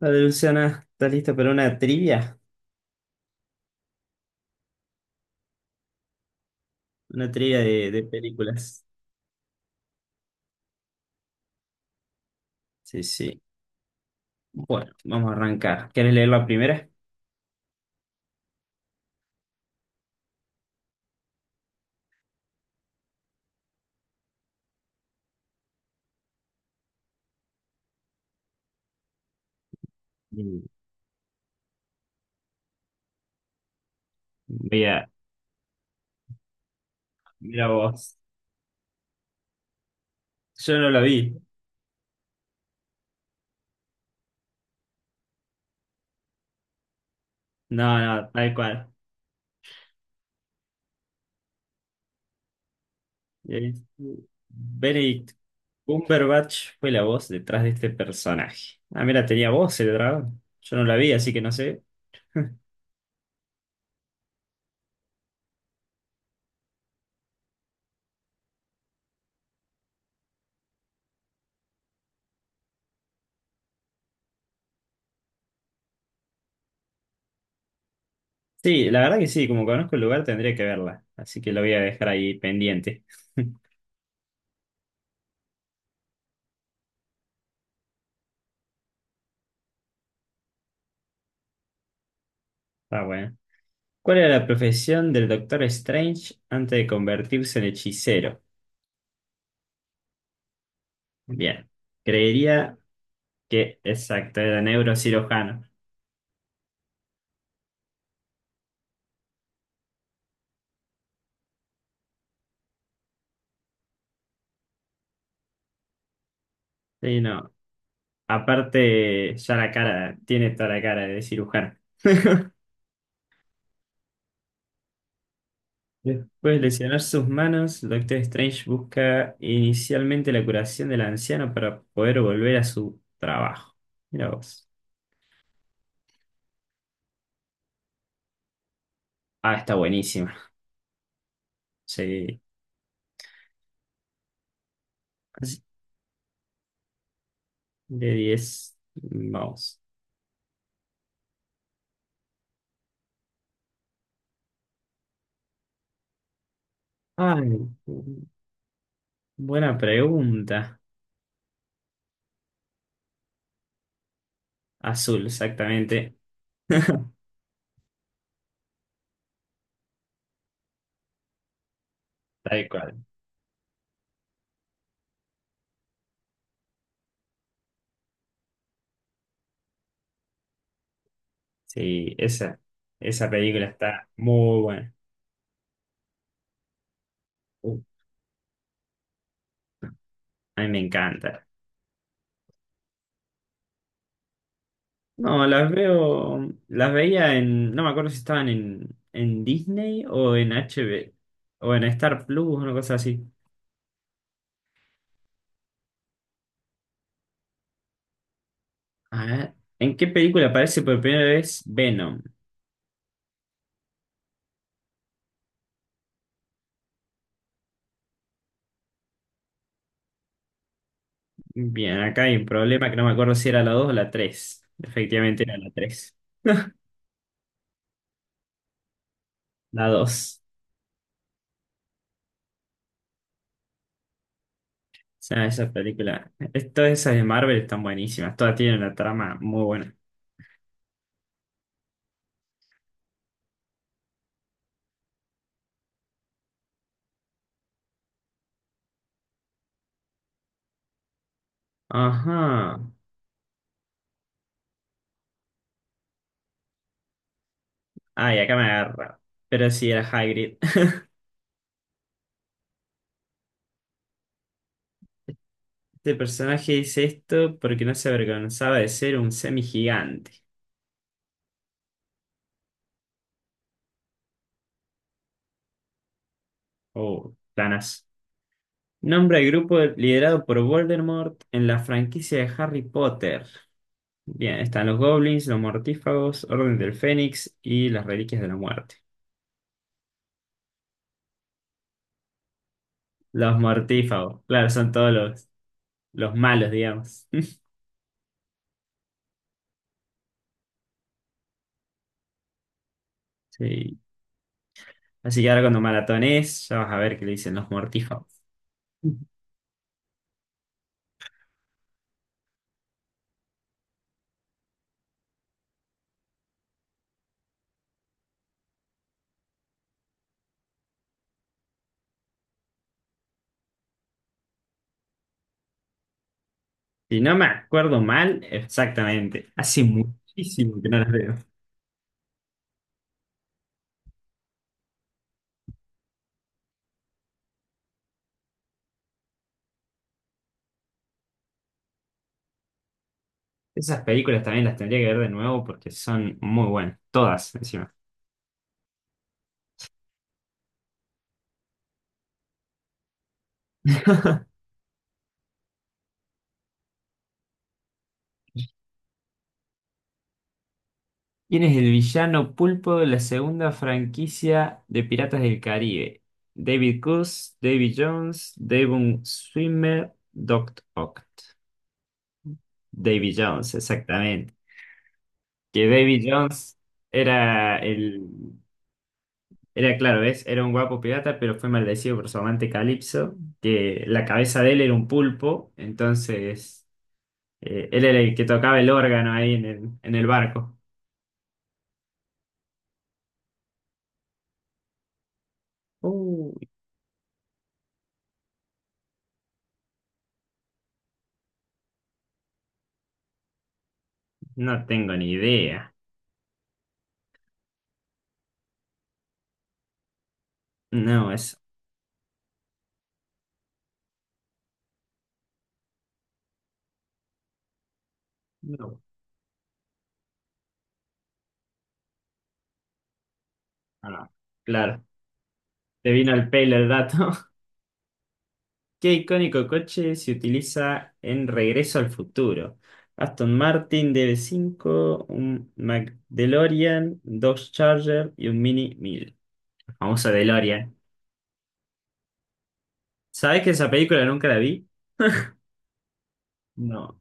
Vale, Luciana, ¿estás lista para una trivia? Una trivia de películas. Sí, sí. Bueno, vamos a arrancar. ¿Quieres leer la primera? Mm. Mira, mira vos. Yo no la vi. No, no, tal cual. Eh, Benedict Cumberbatch fue la voz detrás de este personaje. Ah, mira, tenía voz el dragón. Yo no la vi, así que no sé. Sí, la verdad que sí, como conozco el lugar tendría que verla. Así que la voy a dejar ahí pendiente. Está bueno. ¿Cuál era la profesión del Doctor Strange antes de convertirse en hechicero? Bien, creería que, exacto, era neurocirujano. Sí, no. Aparte, ya la cara, tiene toda la cara de cirujano. Después de lesionar sus manos, el Doctor Strange busca inicialmente la curación del anciano para poder volver a su trabajo. Mira vos. Ah, está buenísima. Sí. Así, de 10. Vamos. Ay. Buena pregunta. Azul, exactamente. Tal cual. Sí, esa película está muy buena. Uh, a mí me encanta. No, las veo, las veía en, no me acuerdo si estaban en Disney o en HBO o en Star Plus, una cosa así. A ver, ¿en qué película aparece por primera vez Venom? Bien, acá hay un problema que no me acuerdo si era la 2 o la tres. Efectivamente era la tres. La dos. Sea, esa película, Todas esas de Marvel están buenísimas, todas tienen una trama muy buena. Ajá. Ay, acá me agarra. Pero sí, era Hagrid. Este personaje dice esto porque no se avergonzaba de ser un semigigante. Oh, planas. Nombra el grupo liderado por Voldemort en la franquicia de Harry Potter. Bien, están los goblins, los mortífagos, Orden del Fénix y las Reliquias de la Muerte. Los mortífagos, claro, son todos los malos, digamos. Sí. Así que ahora cuando maratones, ya vas a ver qué le dicen los mortífagos. Si no me acuerdo mal, exactamente. Hace muchísimo que no las veo. Esas películas también las tendría que ver de nuevo porque son muy buenas. Todas, encima. ¿Quién es el villano pulpo de la segunda franquicia de Piratas del Caribe? David Coase, David Jones, Devon Swimmer, Doc Ock. David Jones, exactamente. Que David Jones era el. Era claro, ¿ves? Era un guapo pirata, pero fue maldecido por su amante Calipso, que la cabeza de él era un pulpo, entonces él era el que tocaba el órgano ahí en el barco. Uy, no tengo ni idea. No, eso. No. Ah, no. Claro, te vino al pelo el dato. ¿Qué icónico coche se utiliza en Regreso al Futuro? Aston Martin DB5, un McDeLorean, Dodge Charger y un Mini 1000. Famoso DeLorean. ¿Sabés que esa película nunca la vi? No.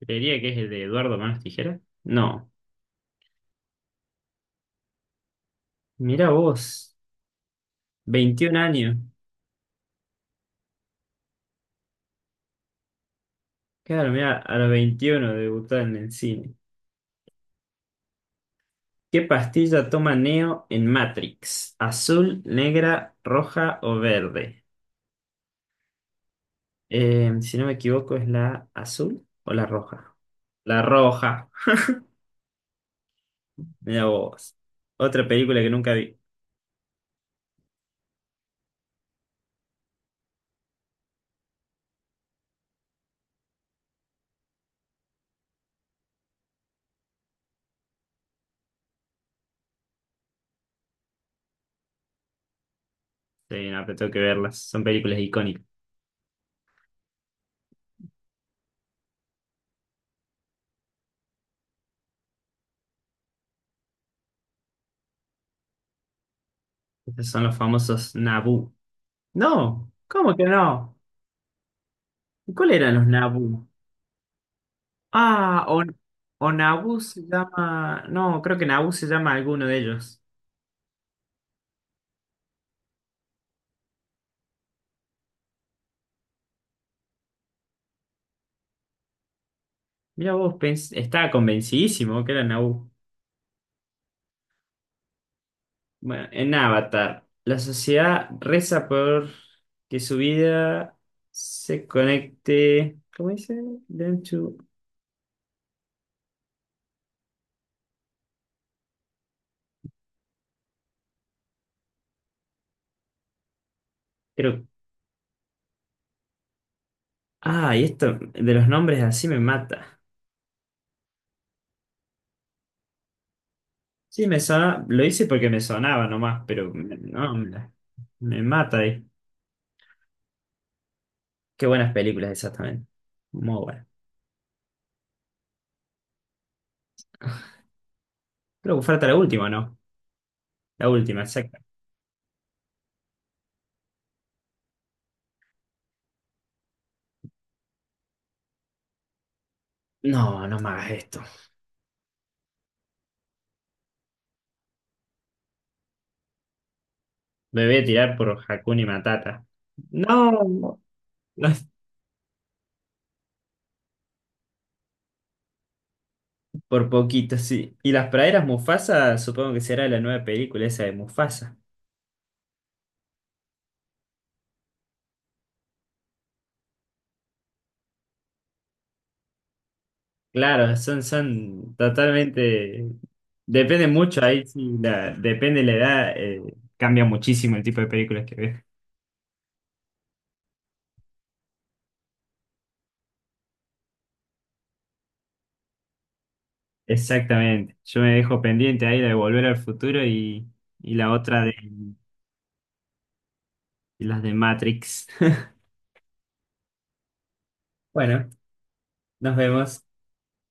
Creería que es el de Eduardo Manos Tijeras. No. Mirá vos. 21 años. Claro, mirá, a los 21 debutó en el cine. ¿Qué pastilla toma Neo en Matrix? ¿Azul, negra, roja o verde? Si no me equivoco, ¿es la azul o la roja? La roja. Mirá vos. Otra película que nunca vi. Sí, no, pero tengo que verlas. Son películas icónicas. Estos son los famosos Naboo. No, ¿cómo que no? ¿Y cuál eran los Naboo? Ah, o Naboo se llama. No, creo que Naboo se llama alguno de ellos. Mira vos, estaba convencidísimo que era Naboo. Bueno, en Avatar, la sociedad reza por que su vida se conecte. ¿Cómo dice? Them to- Creo. Ah, y esto de los nombres así me mata. Sí, me sonaba. Lo hice porque me sonaba nomás, pero no, me mata ahí. Qué buenas películas, exactamente. Muy buenas. Creo que falta la última, ¿no? La última, exacta. No, no me hagas esto. Me voy a tirar por Hakuna Matata. No, no es por poquito, sí. Y las praderas Mufasa, supongo que será la nueva película esa de Mufasa. Claro, son totalmente. Depende mucho ahí, sí, depende la edad, cambia muchísimo el tipo de películas que ves. Exactamente. Yo me dejo pendiente ahí la de Volver al Futuro y, la otra de y las de Matrix. Bueno, nos vemos.